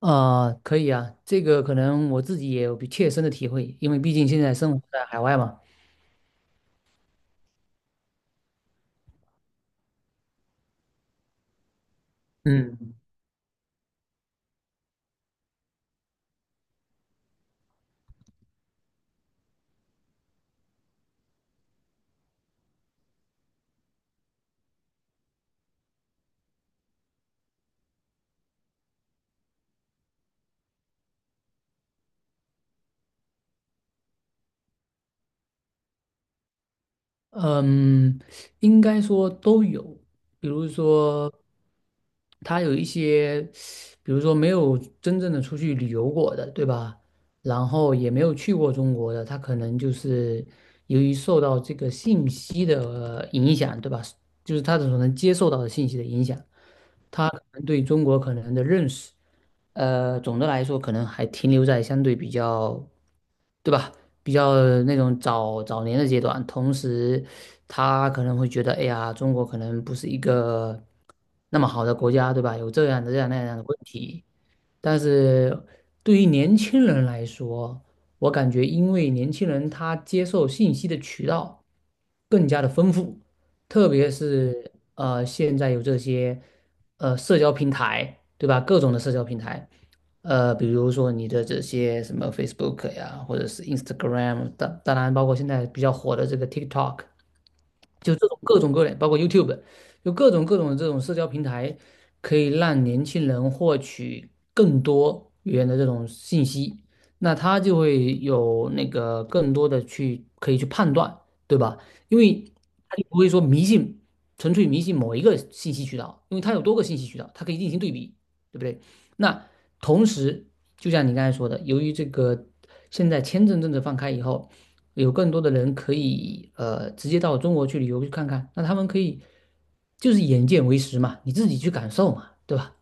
啊、可以啊，这个可能我自己也有比切身的体会，因为毕竟现在生活在海外嘛。嗯嗯，应该说都有，比如说他有一些，比如说没有真正的出去旅游过的，对吧？然后也没有去过中国的，他可能就是由于受到这个信息的影响，对吧？就是他所能接受到的信息的影响。他可能对中国可能的认识，总的来说可能还停留在相对比较，对吧？比较那种早早年的阶段。同时，他可能会觉得，哎呀，中国可能不是一个那么好的国家，对吧？有这样的这样那样的问题。但是对于年轻人来说，我感觉因为年轻人他接受信息的渠道更加的丰富。特别是现在有这些社交平台，对吧？各种的社交平台，比如说你的这些什么 Facebook 呀，或者是 Instagram,当然包括现在比较火的这个 TikTok,就这种各种各类，包括 YouTube,有各种各种的这种社交平台，可以让年轻人获取更多元的这种信息，那他就会有那个更多的去可以去判断，对吧？因为他就不会说迷信，纯粹迷信某一个信息渠道，因为他有多个信息渠道，它可以进行对比，对不对？那同时，就像你刚才说的，由于这个现在签证政策放开以后。有更多的人可以直接到中国去旅游去看看，那他们可以就是眼见为实嘛，你自己去感受嘛，对吧？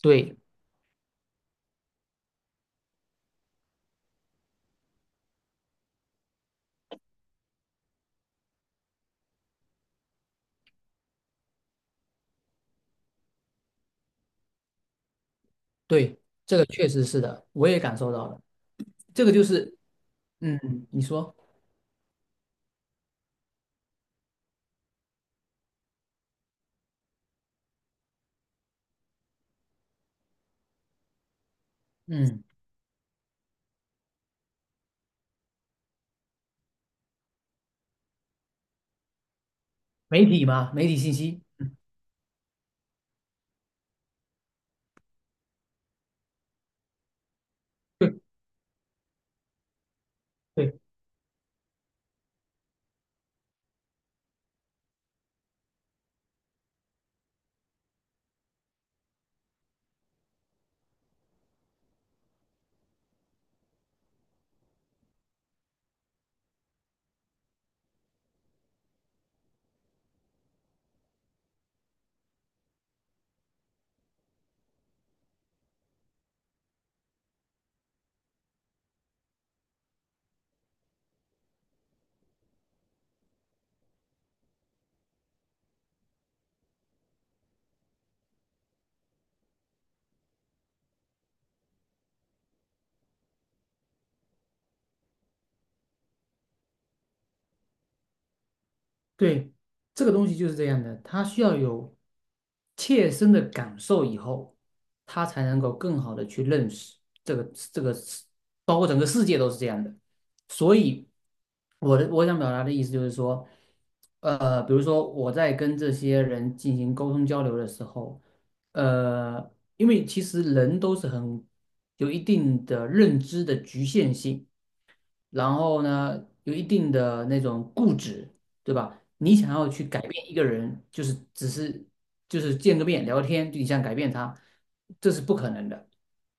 对对，这个确实是的，我也感受到了，这个就是嗯，你说嗯，媒体嘛，媒体信息，嗯，对对。对，这个东西就是这样的，他需要有切身的感受以后，他才能够更好的去认识这个这个世，包括整个世界都是这样的。所以，我想表达的意思就是说，比如说我在跟这些人进行沟通交流的时候，呃，因为其实人都是很有一定的认知的局限性。然后呢，有一定的那种固执，对吧？你想要去改变一个人，就是只是就是见个面聊天，就你想改变他，这是不可能的。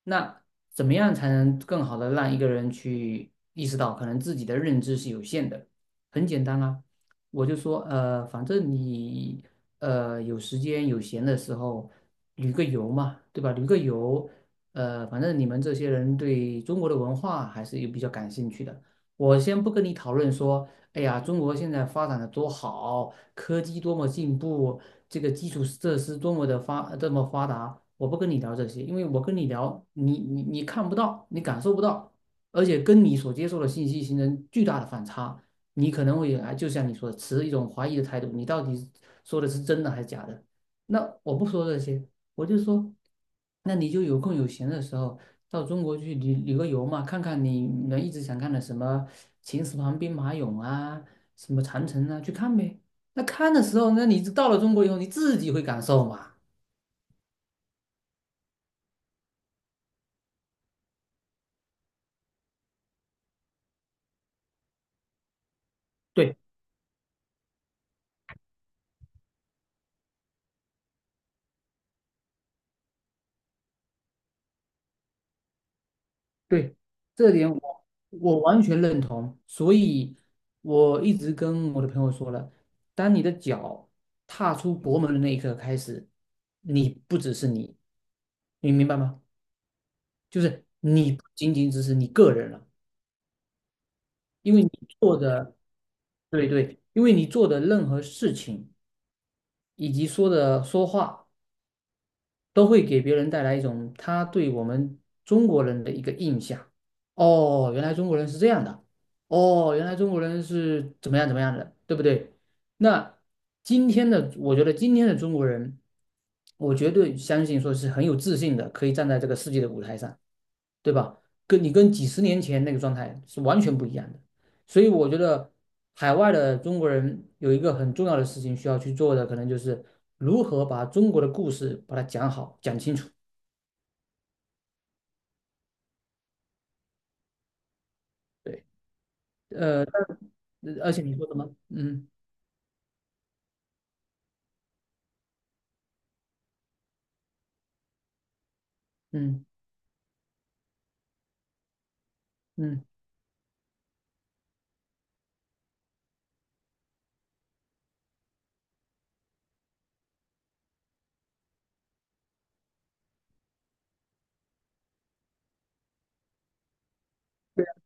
那怎么样才能更好的让一个人去意识到，可能自己的认知是有限的？很简单啊，我就说，反正你有时间有闲的时候旅个游嘛，对吧？旅个游，反正你们这些人对中国的文化还是有比较感兴趣的。我先不跟你讨论说，哎呀，中国现在发展的多好，科技多么进步，这个基础设施多么的这么发达，我不跟你聊这些，因为我跟你聊，你看不到，你感受不到，而且跟你所接受的信息形成巨大的反差，你可能会啊，就像你说的，持一种怀疑的态度，你到底说的是真的还是假的？那我不说这些，我就说，那你就有空有闲的时候。到中国去旅个游嘛，看看你们一直想看的什么秦始皇兵马俑啊，什么长城啊，去看呗。那看的时候，那你到了中国以后，你自己会感受嘛？对对，这点我完全认同。所以我一直跟我的朋友说了，当你的脚踏出国门的那一刻开始，你不只是你，你明白吗？就是你不仅仅只是你个人了，因为你做的，对对，因为你做的任何事情以及说的说话。都会给别人带来一种他对我们中国人的一个印象。哦，原来中国人是这样的。哦，原来中国人是怎么样怎么样的，对不对？那今天的，我觉得今天的中国人，我绝对相信说是很有自信的，可以站在这个世界的舞台上，对吧？跟你跟几十年前那个状态是完全不一样的。所以我觉得海外的中国人有一个很重要的事情需要去做的，可能就是如何把中国的故事把它讲好、讲清楚。对，呃，而且你说什么？嗯嗯嗯，对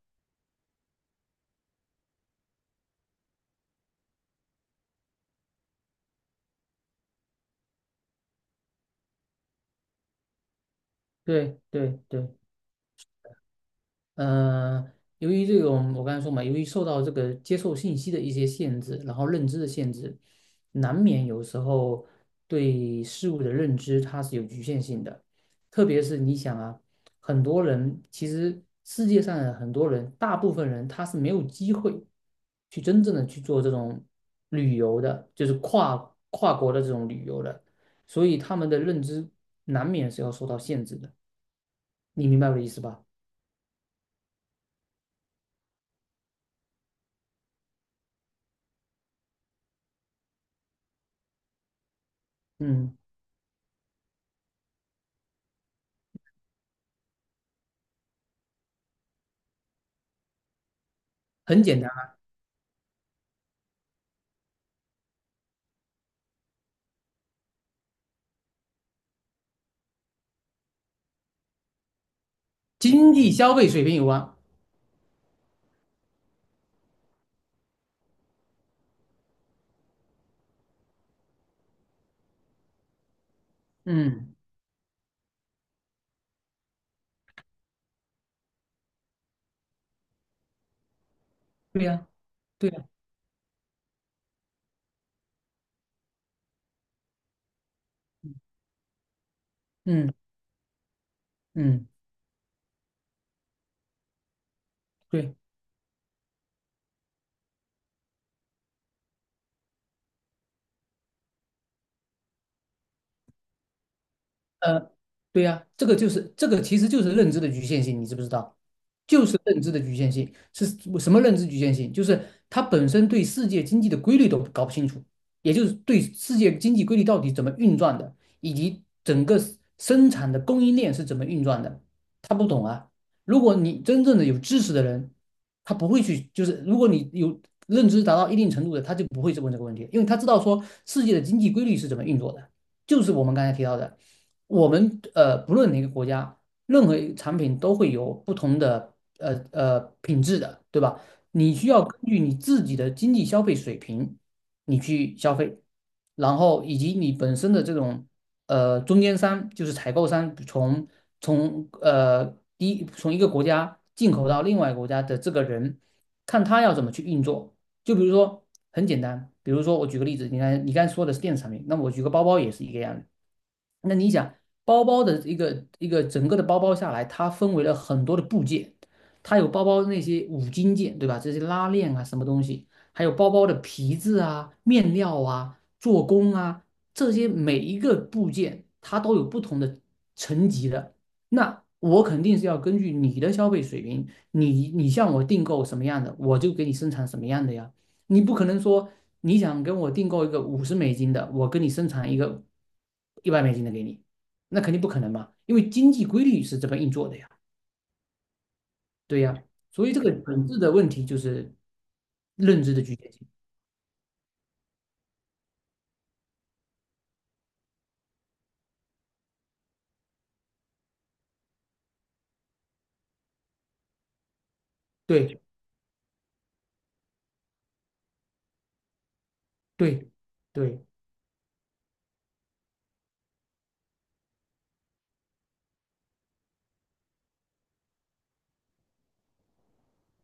对对对，呃，由于这种我刚才说嘛，由于受到这个接受信息的一些限制，然后认知的限制，难免有时候对事物的认知它是有局限性的。特别是你想啊，很多人其实世界上的很多人，大部分人他是没有机会去真正的去做这种旅游的，就是跨国的这种旅游的，所以他们的认知难免是要受到限制的。你明白我的意思吧？嗯。很简单。经济消费水平有关。嗯，对呀，对呀，嗯嗯，对。呃，对呀、这个就是这个其实就是认知的局限性，你知不知道？就是认知的局限性是什么认知局限性？就是他本身对世界经济的规律都搞不清楚，也就是对世界经济规律到底怎么运转的，以及整个 生产的供应链是怎么运转的，他不懂啊。如果你真正的有知识的人，他不会去，就是如果你有认知达到一定程度的，他就不会去问这个问题，因为他知道说世界的经济规律是怎么运作的，就是我们刚才提到的。我们不论哪个国家，任何一个产品都会有不同的品质的，对吧？你需要根据你自己的经济消费水平，你去消费，然后以及你本身的这种中间商，就是采购商，从呃从一个国家进口到另外一个国家的这个人，看他要怎么去运作。就比如说很简单，比如说我举个例子，你看你刚才说的是电子产品，那么我举个包包也是一个样子那你想，包包的一个整个的包包下来，它分为了很多的部件，它有包包那些五金件，对吧？这些拉链啊，什么东西，还有包包的皮质啊、面料啊、做工啊，这些每一个部件它都有不同的层级的。那我肯定是要根据你的消费水平，你向我订购什么样的，我就给你生产什么样的呀。你不可能说你想跟我订购一个五十美金的，我跟你生产一个一百美金的给你，那肯定不可能嘛，因为经济规律是这么运作的呀，对呀，所以这个本质的问题就是认知的局限性，对对对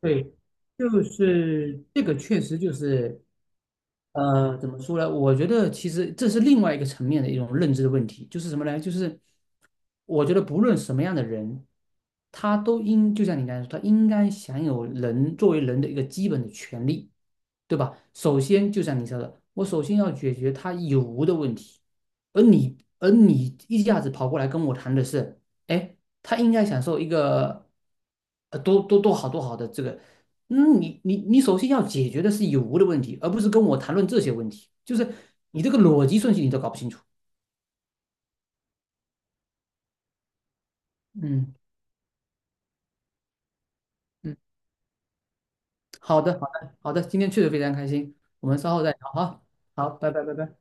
对，就是这个确实就是怎么说呢？我觉得其实这是另外一个层面的一种认知的问题，就是什么呢？就是我觉得不论什么样的人，他都应，就像你刚才说，他应该享有人作为人的一个基本的权利，对吧？首先，就像你说的，我首先要解决他有无的问题，而你一下子跑过来跟我谈的是，哎，他应该享受一个，多好的这个，嗯，你首先要解决的是有无的问题，而不是跟我谈论这些问题，就是你这个逻辑顺序你都搞不清楚，嗯。嗯好的，好的，好的，今天确实非常开心，我们稍后再聊哈。好，拜拜，拜拜。嗯。